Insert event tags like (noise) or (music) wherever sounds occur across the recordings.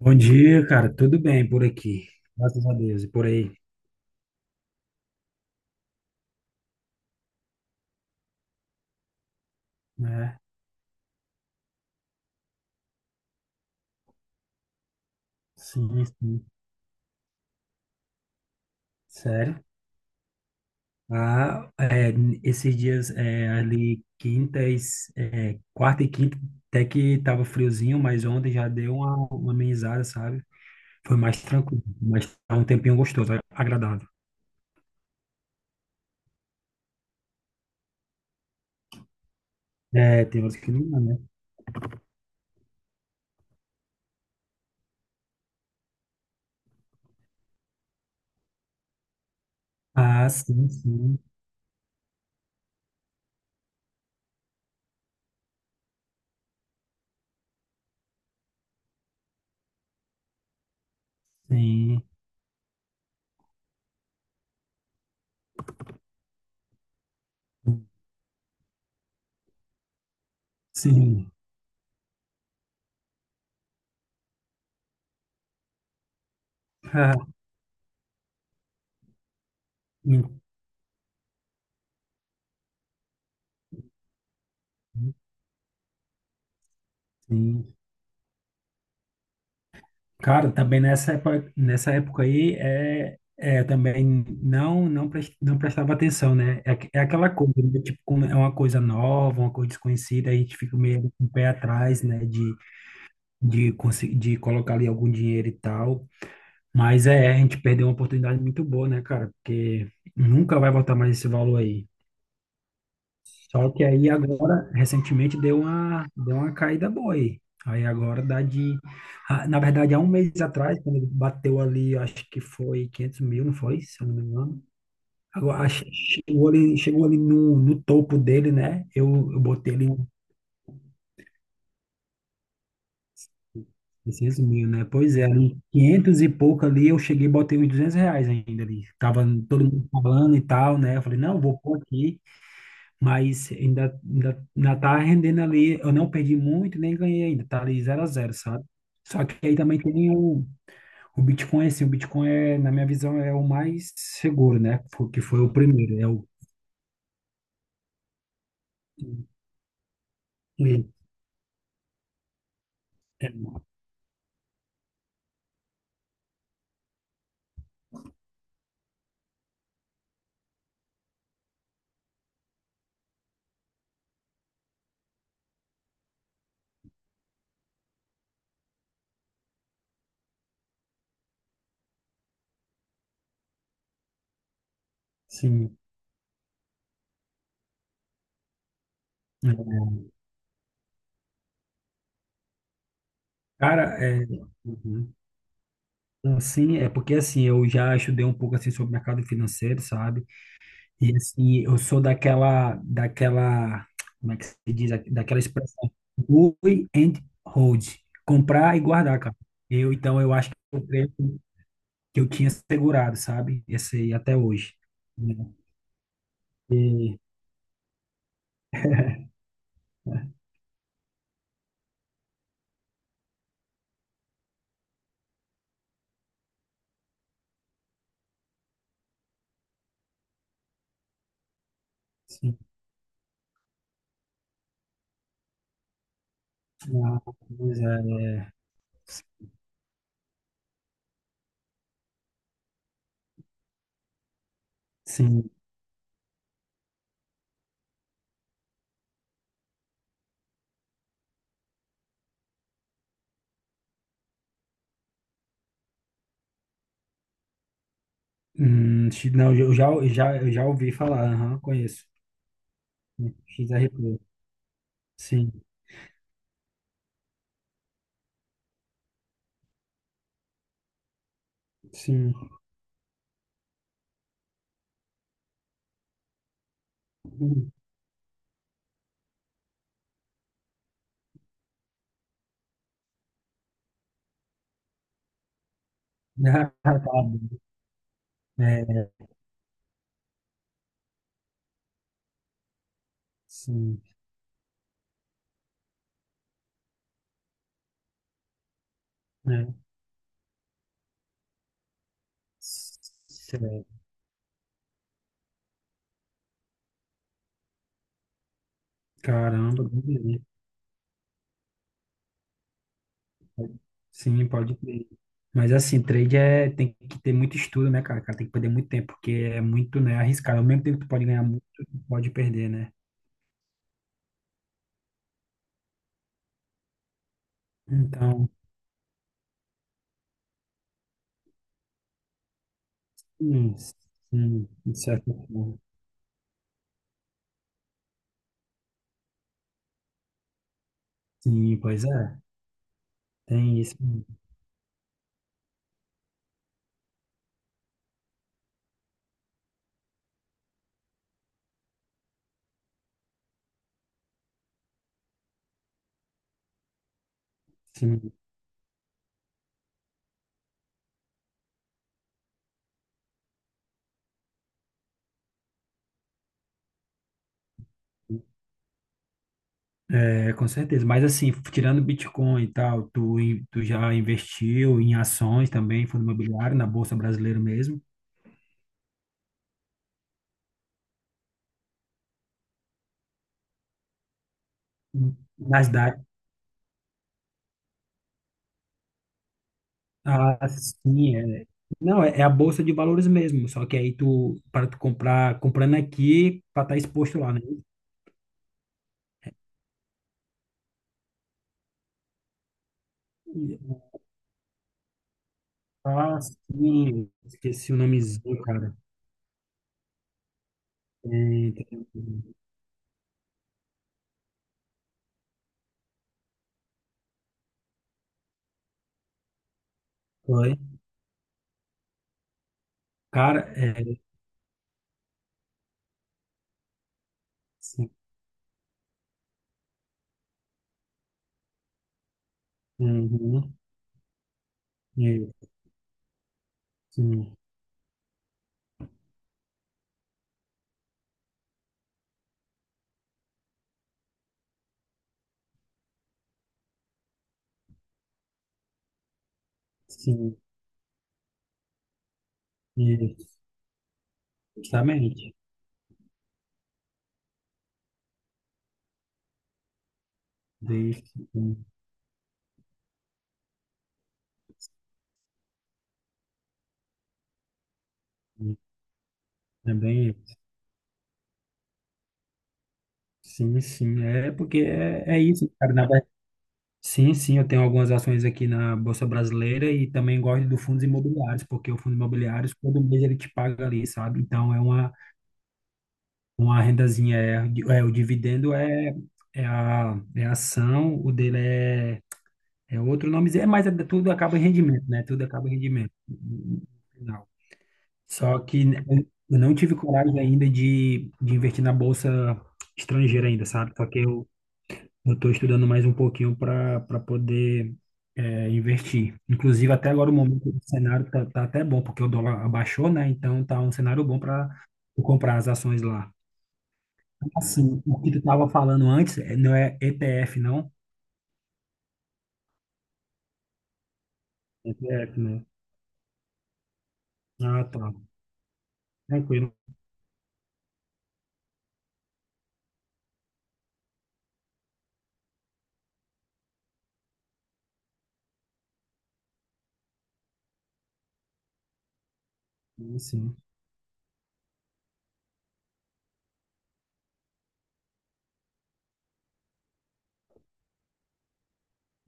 Bom dia, cara. Tudo bem por aqui? Graças a Deus. E por aí? É, sim, sim. Sério? Ah, é, esses dias é, ali, quintas, é, quarta e quinta, até que tava friozinho, mas ontem já deu uma amenizada, sabe? Foi mais tranquilo, mas tá um tempinho gostoso, agradável. É, tem horas que não dá, né? Ah, sim, sim, sim, sim. (laughs) Ah, sim, sim. Cara, também nessa época aí, eu também não prestava atenção, né? É, é aquela coisa, né? Tipo, como é uma coisa nova, uma coisa desconhecida, a gente fica meio com o pé atrás, né? De colocar ali algum dinheiro e tal. Mas é, a gente perdeu uma oportunidade muito boa, né, cara? Porque nunca vai voltar mais esse valor aí. Só que aí agora, recentemente, deu uma caída boa aí. Aí agora dá de. Na verdade, há um mês atrás, quando ele bateu ali, acho que foi 500 mil, não foi? Se eu não me engano. Agora, acho que chegou ali no topo dele, né? Eu botei ali uns 600 mil, né? Pois é, ali 500 e pouco ali, eu cheguei e botei uns R$ 200 ainda ali. Tava todo mundo falando e tal, né? Eu falei, não, vou pôr aqui. Mas ainda tá rendendo ali. Eu não perdi muito, nem ganhei ainda. Tá ali zero a zero, sabe? Só que aí também tem o Bitcoin, assim, o Bitcoin é, na minha visão, é o mais seguro, né? Que foi o primeiro. É o. e- É, é, sim. Cara, é. Uhum. Assim, é porque assim, eu já estudei um pouco assim sobre mercado financeiro, sabe? E assim, eu sou daquela, como é que se diz, daquela expressão, buy and hold, comprar e guardar, cara. Eu, então, eu acho que eu creio que eu tinha segurado, sabe? Esse aí até hoje. Né? E, sim, ah, pois é, sim. Não, eu já ouvi falar, aham, conheço. XRP, sim, sim. Hum. (laughs) Ah, tá bom. É, sim, né? Caramba, entendi. Sim, pode crer. Mas assim, trade é, tem que ter muito estudo, né, cara? Cara, tem que perder muito tempo, porque é muito, né, arriscado. Ao mesmo tempo que tu pode ganhar muito, tu pode perder, né? Então, sim, sim, de certa forma. Sim, pois é, tem isso. Sim, é, com certeza. Mas assim, tirando Bitcoin e tal, tu já investiu em ações também, fundo imobiliário, na Bolsa Brasileira mesmo? Nas. Ah, sim, é. Não, é, é a bolsa de valores mesmo, só que aí tu, para tu comprar, comprando aqui, para estar exposto lá, né? Ah, sim, esqueci o nomezinho, cara. É, então. Foi. Cara, é, sim, uhum, é, sim, sim, isso, justamente. Isso, sim, sim, também, sim, sim, é porque é, é isso, cara, na. Sim, sim, eu tenho algumas ações aqui na Bolsa Brasileira e também gosto do fundos imobiliários, porque o fundo imobiliário, todo mês ele te paga ali, sabe? Então é uma rendazinha, é, é, o dividendo é, é, a, é a ação, o dele é, é outro nome, é, mas é, tudo acaba em rendimento, né? Tudo acaba em rendimento no final. Só que eu não tive coragem ainda de investir na Bolsa estrangeira ainda, sabe? Porque eu estou estudando mais um pouquinho para poder investir. Inclusive, até agora o momento do cenário tá até bom, porque o dólar abaixou, né? Então tá um cenário bom para comprar as ações lá. Assim, o que tu estava falando antes não é ETF, não? ETF, né? Ah, tá. Tranquilo. Sim.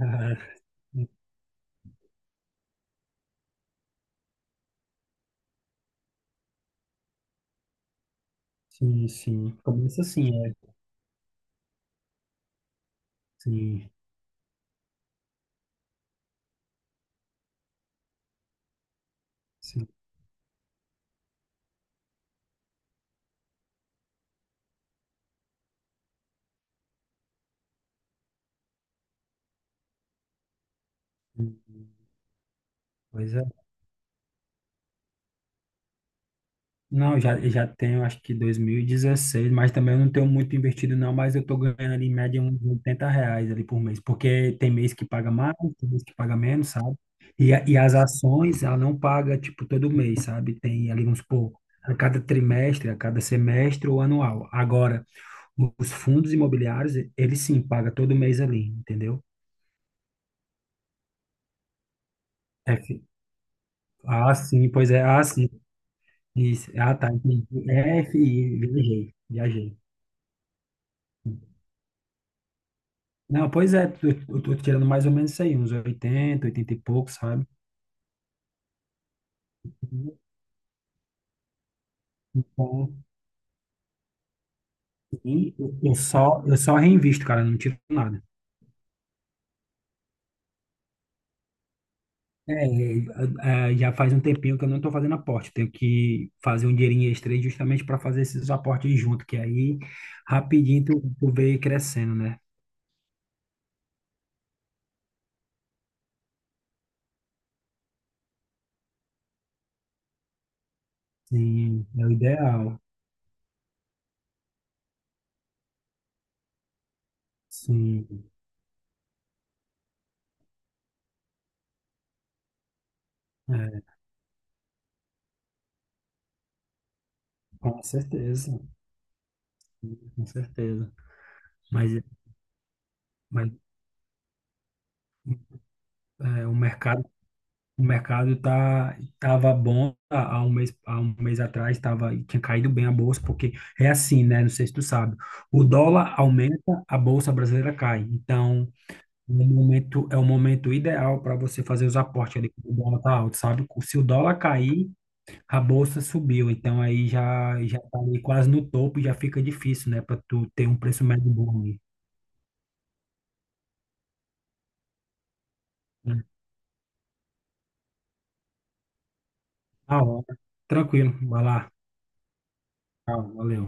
(laughs) Ah, sim, sim. Começa assim, é. Sim, sim. Pois é. Não, já tenho, acho que 2016, mas também eu não tenho muito investido não, mas eu tô ganhando ali em média uns R$ 80 ali por mês, porque tem mês que paga mais, tem mês que paga menos, sabe? E as ações, ela não paga, tipo, todo mês, sabe? Tem ali, vamos supor, a cada trimestre, a cada semestre ou anual. Agora, os fundos imobiliários, eles sim, paga todo mês ali, entendeu? É, ah, sim, pois é, ah, sim, isso, ah, tá, entendi. É, viajei, viajei. Não, pois é, eu tô tirando mais ou menos isso aí, uns 80 80 e pouco, sabe? Bom, e eu só reinvisto, cara, não tiro nada. É, já faz um tempinho que eu não estou fazendo aporte. Eu tenho que fazer um dinheirinho extra aí justamente para fazer esses aportes junto, que aí rapidinho tu vê crescendo, né? Sim, é o ideal. Sim, é, com certeza, com certeza. Mas, mas é, O mercado tava bom há um mês, há um mês atrás, tinha caído bem a bolsa, porque é assim, né? Não sei se tu sabe. O dólar aumenta, a bolsa brasileira cai. Então, no momento, é o momento ideal para você fazer os aportes ali, quando o dólar tá alto, sabe? Se o dólar cair, a bolsa subiu. Então, aí já tá ali quase no topo, já fica difícil, né? Para tu ter um preço médio bom ali. Né? Na hora. Tranquilo, vai lá. Tchau, valeu.